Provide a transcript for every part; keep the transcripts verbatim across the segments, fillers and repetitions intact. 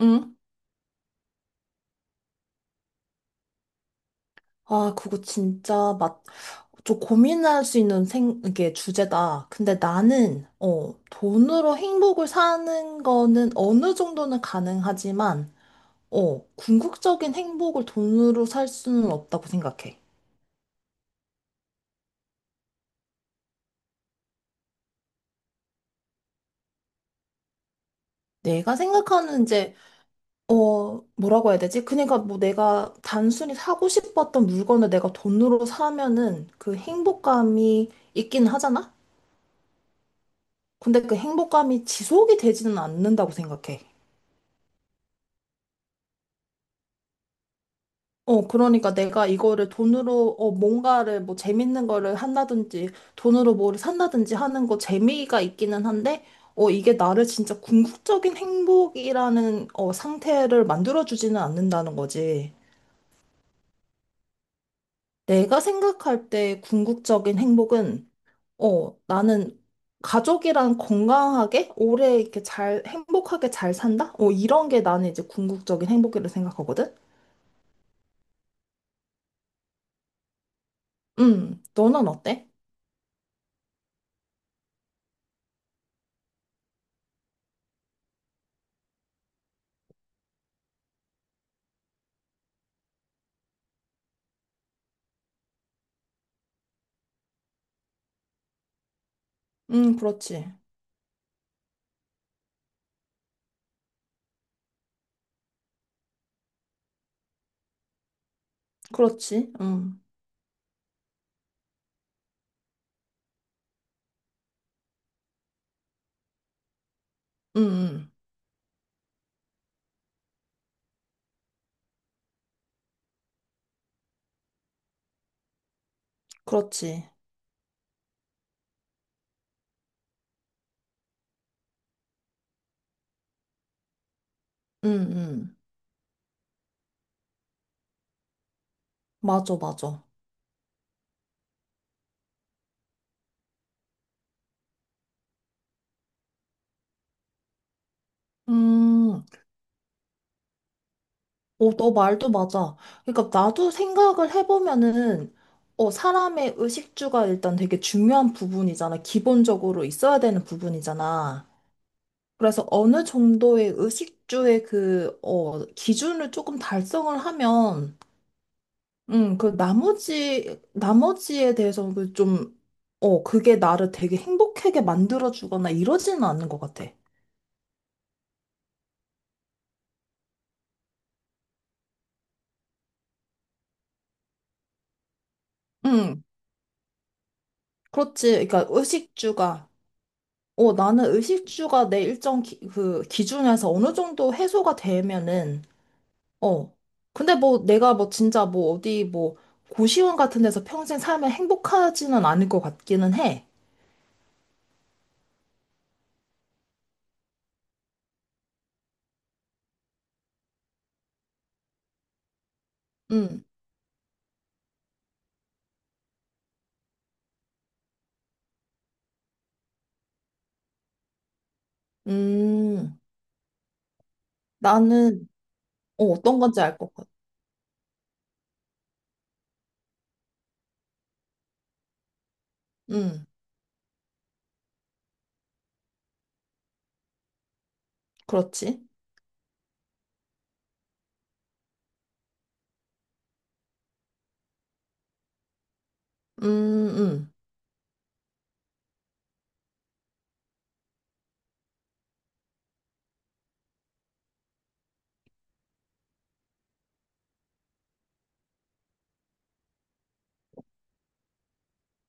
응? 아, 그거 진짜 맛, 저 고민할 수 있는 생, 이게 주제다. 근데 나는, 어, 돈으로 행복을 사는 거는 어느 정도는 가능하지만, 어, 궁극적인 행복을 돈으로 살 수는 없다고 생각해. 내가 생각하는 이제, 어, 뭐라고 해야 되지? 그러니까 뭐 내가 단순히 사고 싶었던 물건을 내가 돈으로 사면은 그 행복감이 있긴 하잖아? 근데 그 행복감이 지속이 되지는 않는다고 생각해. 어, 그러니까 내가 이거를 돈으로, 어, 뭔가를 뭐 재밌는 거를 한다든지, 돈으로 뭐를 산다든지 하는 거 재미가 있기는 한데, 어, 이게 나를 진짜 궁극적인 행복이라는, 어, 상태를 만들어주지는 않는다는 거지. 내가 생각할 때 궁극적인 행복은, 어, 나는 가족이랑 건강하게, 오래 이렇게 잘, 행복하게 잘 산다? 어, 이런 게 나는 이제 궁극적인 행복이라고 생각하거든? 음, 너는 어때? 음, 그렇지. 그렇지. 응, 응, 응, 그렇지. 응, 응, 맞아, 맞아. 음. 어, 너 말도 맞아. 그러니까 나도 생각을 해보면은 어, 사람의 의식주가 일단 되게 중요한 부분이잖아. 기본적으로 있어야 되는 부분이잖아. 그래서 어느 정도의 의식주의 그, 어, 기준을 조금 달성을 하면, 음, 그 나머지, 나머지에 대해서 그 좀, 어, 그게 나를 되게 행복하게 만들어주거나 이러지는 않는 것 같아. 응, 그렇지. 그러니까 의식주가, 어, 나는 의식주가 내 일정 기, 그 기준에서 어느 정도 해소가 되면은, 어. 근데 뭐 내가 뭐 진짜 뭐 어디 뭐 고시원 같은 데서 평생 살면 행복하지는 않을 것 같기는 해. 응, 음, 나는, 어, 어떤 건지 알 것 같아. 응, 그렇지. 음, 음,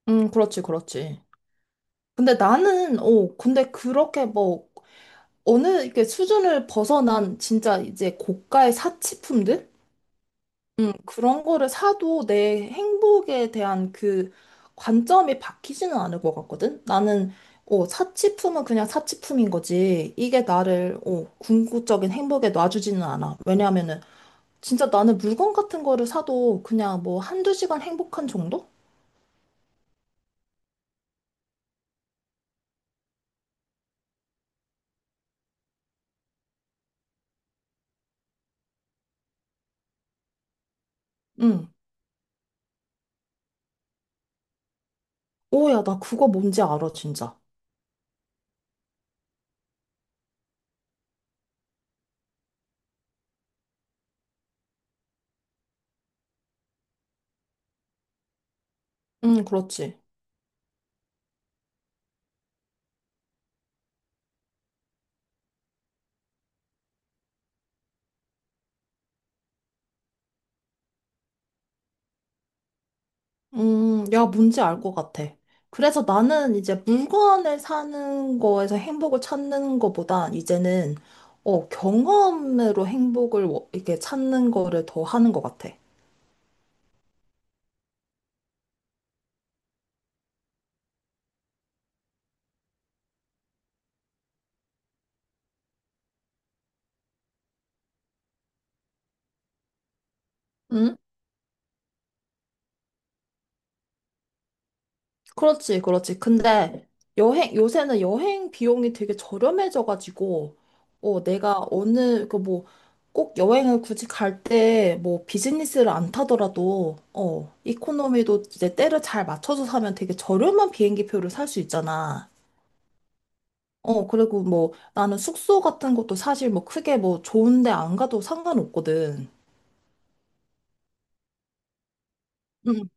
음, 그렇지, 그렇지. 근데 나는, 어, 근데 그렇게 뭐 어느 이렇게 수준을 벗어난 진짜 이제 고가의 사치품들? 음, 그런 거를 사도 내 행복에 대한 그 관점이 바뀌지는 않을 것 같거든? 나는, 어, 사치품은 그냥 사치품인 거지. 이게 나를, 어, 궁극적인 행복에 놔주지는 않아. 왜냐하면은, 진짜 나는 물건 같은 거를 사도 그냥 뭐 한두 시간 행복한 정도? 응. 오, 야, 나 그거 뭔지 알아, 진짜. 응, 그렇지. 음, 야, 뭔지 알 것 같아. 그래서 나는 이제 물건을 사는 거에서 행복을 찾는 거보다 이제는 어, 경험으로 행복을 워- 이렇게 찾는 거를 더 하는 것 같아. 응? 그렇지, 그렇지. 근데 여행, 요새는 여행 비용이 되게 저렴해져가지고, 어, 내가 어느, 그 뭐, 꼭 여행을 굳이 갈 때 뭐 비즈니스를 안 타더라도, 어, 이코노미도 이제 때를 잘 맞춰서 사면 되게 저렴한 비행기 표를 살 수 있잖아. 어, 그리고 뭐 나는 숙소 같은 것도 사실 뭐 크게 뭐 좋은데 안 가도 상관없거든. 응.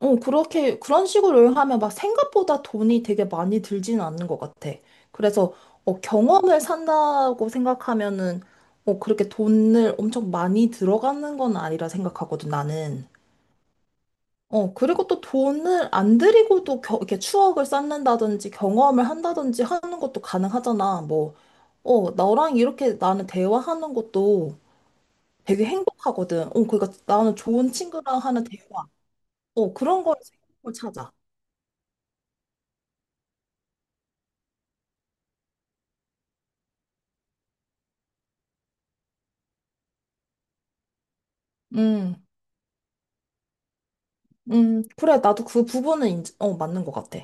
어, 그렇게 그런 식으로 하면 막 생각보다 돈이 되게 많이 들지는 않는 것 같아. 그래서 어, 경험을 산다고 생각하면은 어, 그렇게 돈을 엄청 많이 들어가는 건 아니라 생각하거든, 나는. 어, 그리고 또 돈을 안 들이고도 겨, 이렇게 추억을 쌓는다든지 경험을 한다든지 하는 것도 가능하잖아. 뭐, 어, 너랑 이렇게 나는 대화하는 것도 되게 행복하거든. 어, 그러니까 나는 좋은 친구랑 하는 대화. 어, 그런 거에서 행복을 찾아. 음, 음, 그래. 나도 그 부분은 인지, 어, 맞는 것 같아.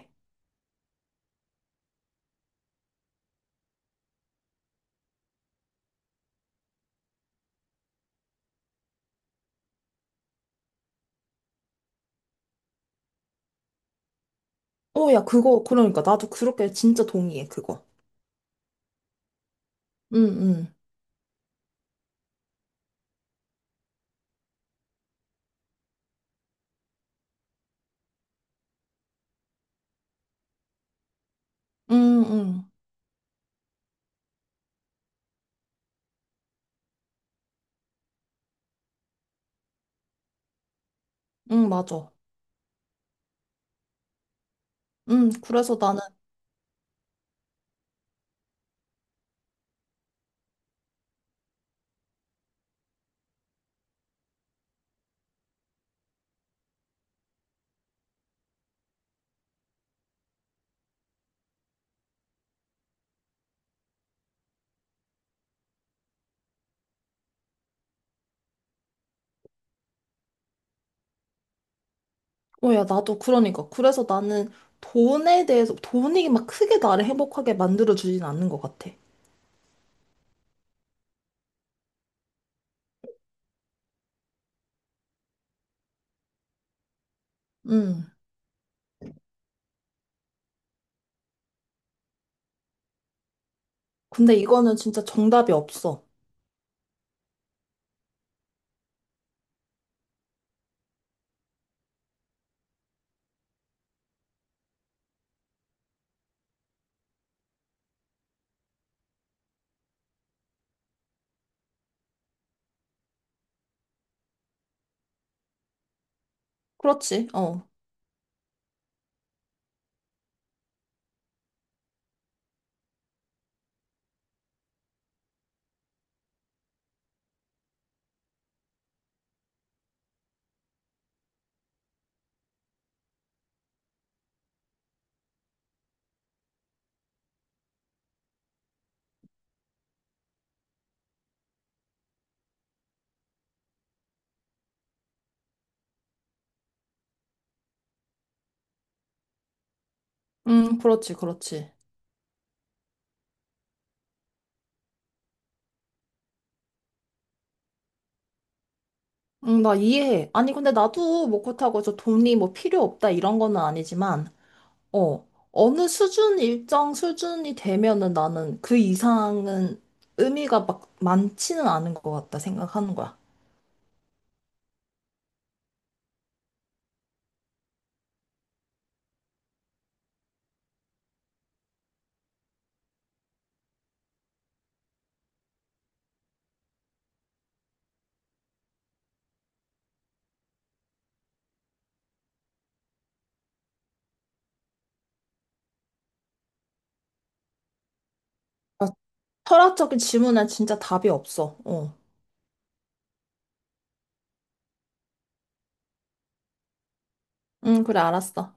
어, 야, 그거, 그러니까. 나도 그렇게 진짜 동의해, 그거. 응, 응, 응, 응, 응, 맞아. 응, 그래서 나는, 어, 야, 나도 그러니까. 그래서 나는 돈에 대해서, 돈이 막 크게 나를 행복하게 만들어주진 않는 것 같아. 응. 근데 이거는 진짜 정답이 없어. 그렇지, 어. 응, 그렇지, 그렇지. 응, 나 이해해. 아니, 근데 나도 뭐 그렇다고 저 돈이 뭐 필요 없다 이런 거는 아니지만, 어, 어느 수준, 일정 수준이 되면은 나는 그 이상은 의미가 막 많지는 않은 것 같다 생각하는 거야. 아, 철학적인 질문엔 진짜 답이 없어. 어. 응, 그래, 알았어.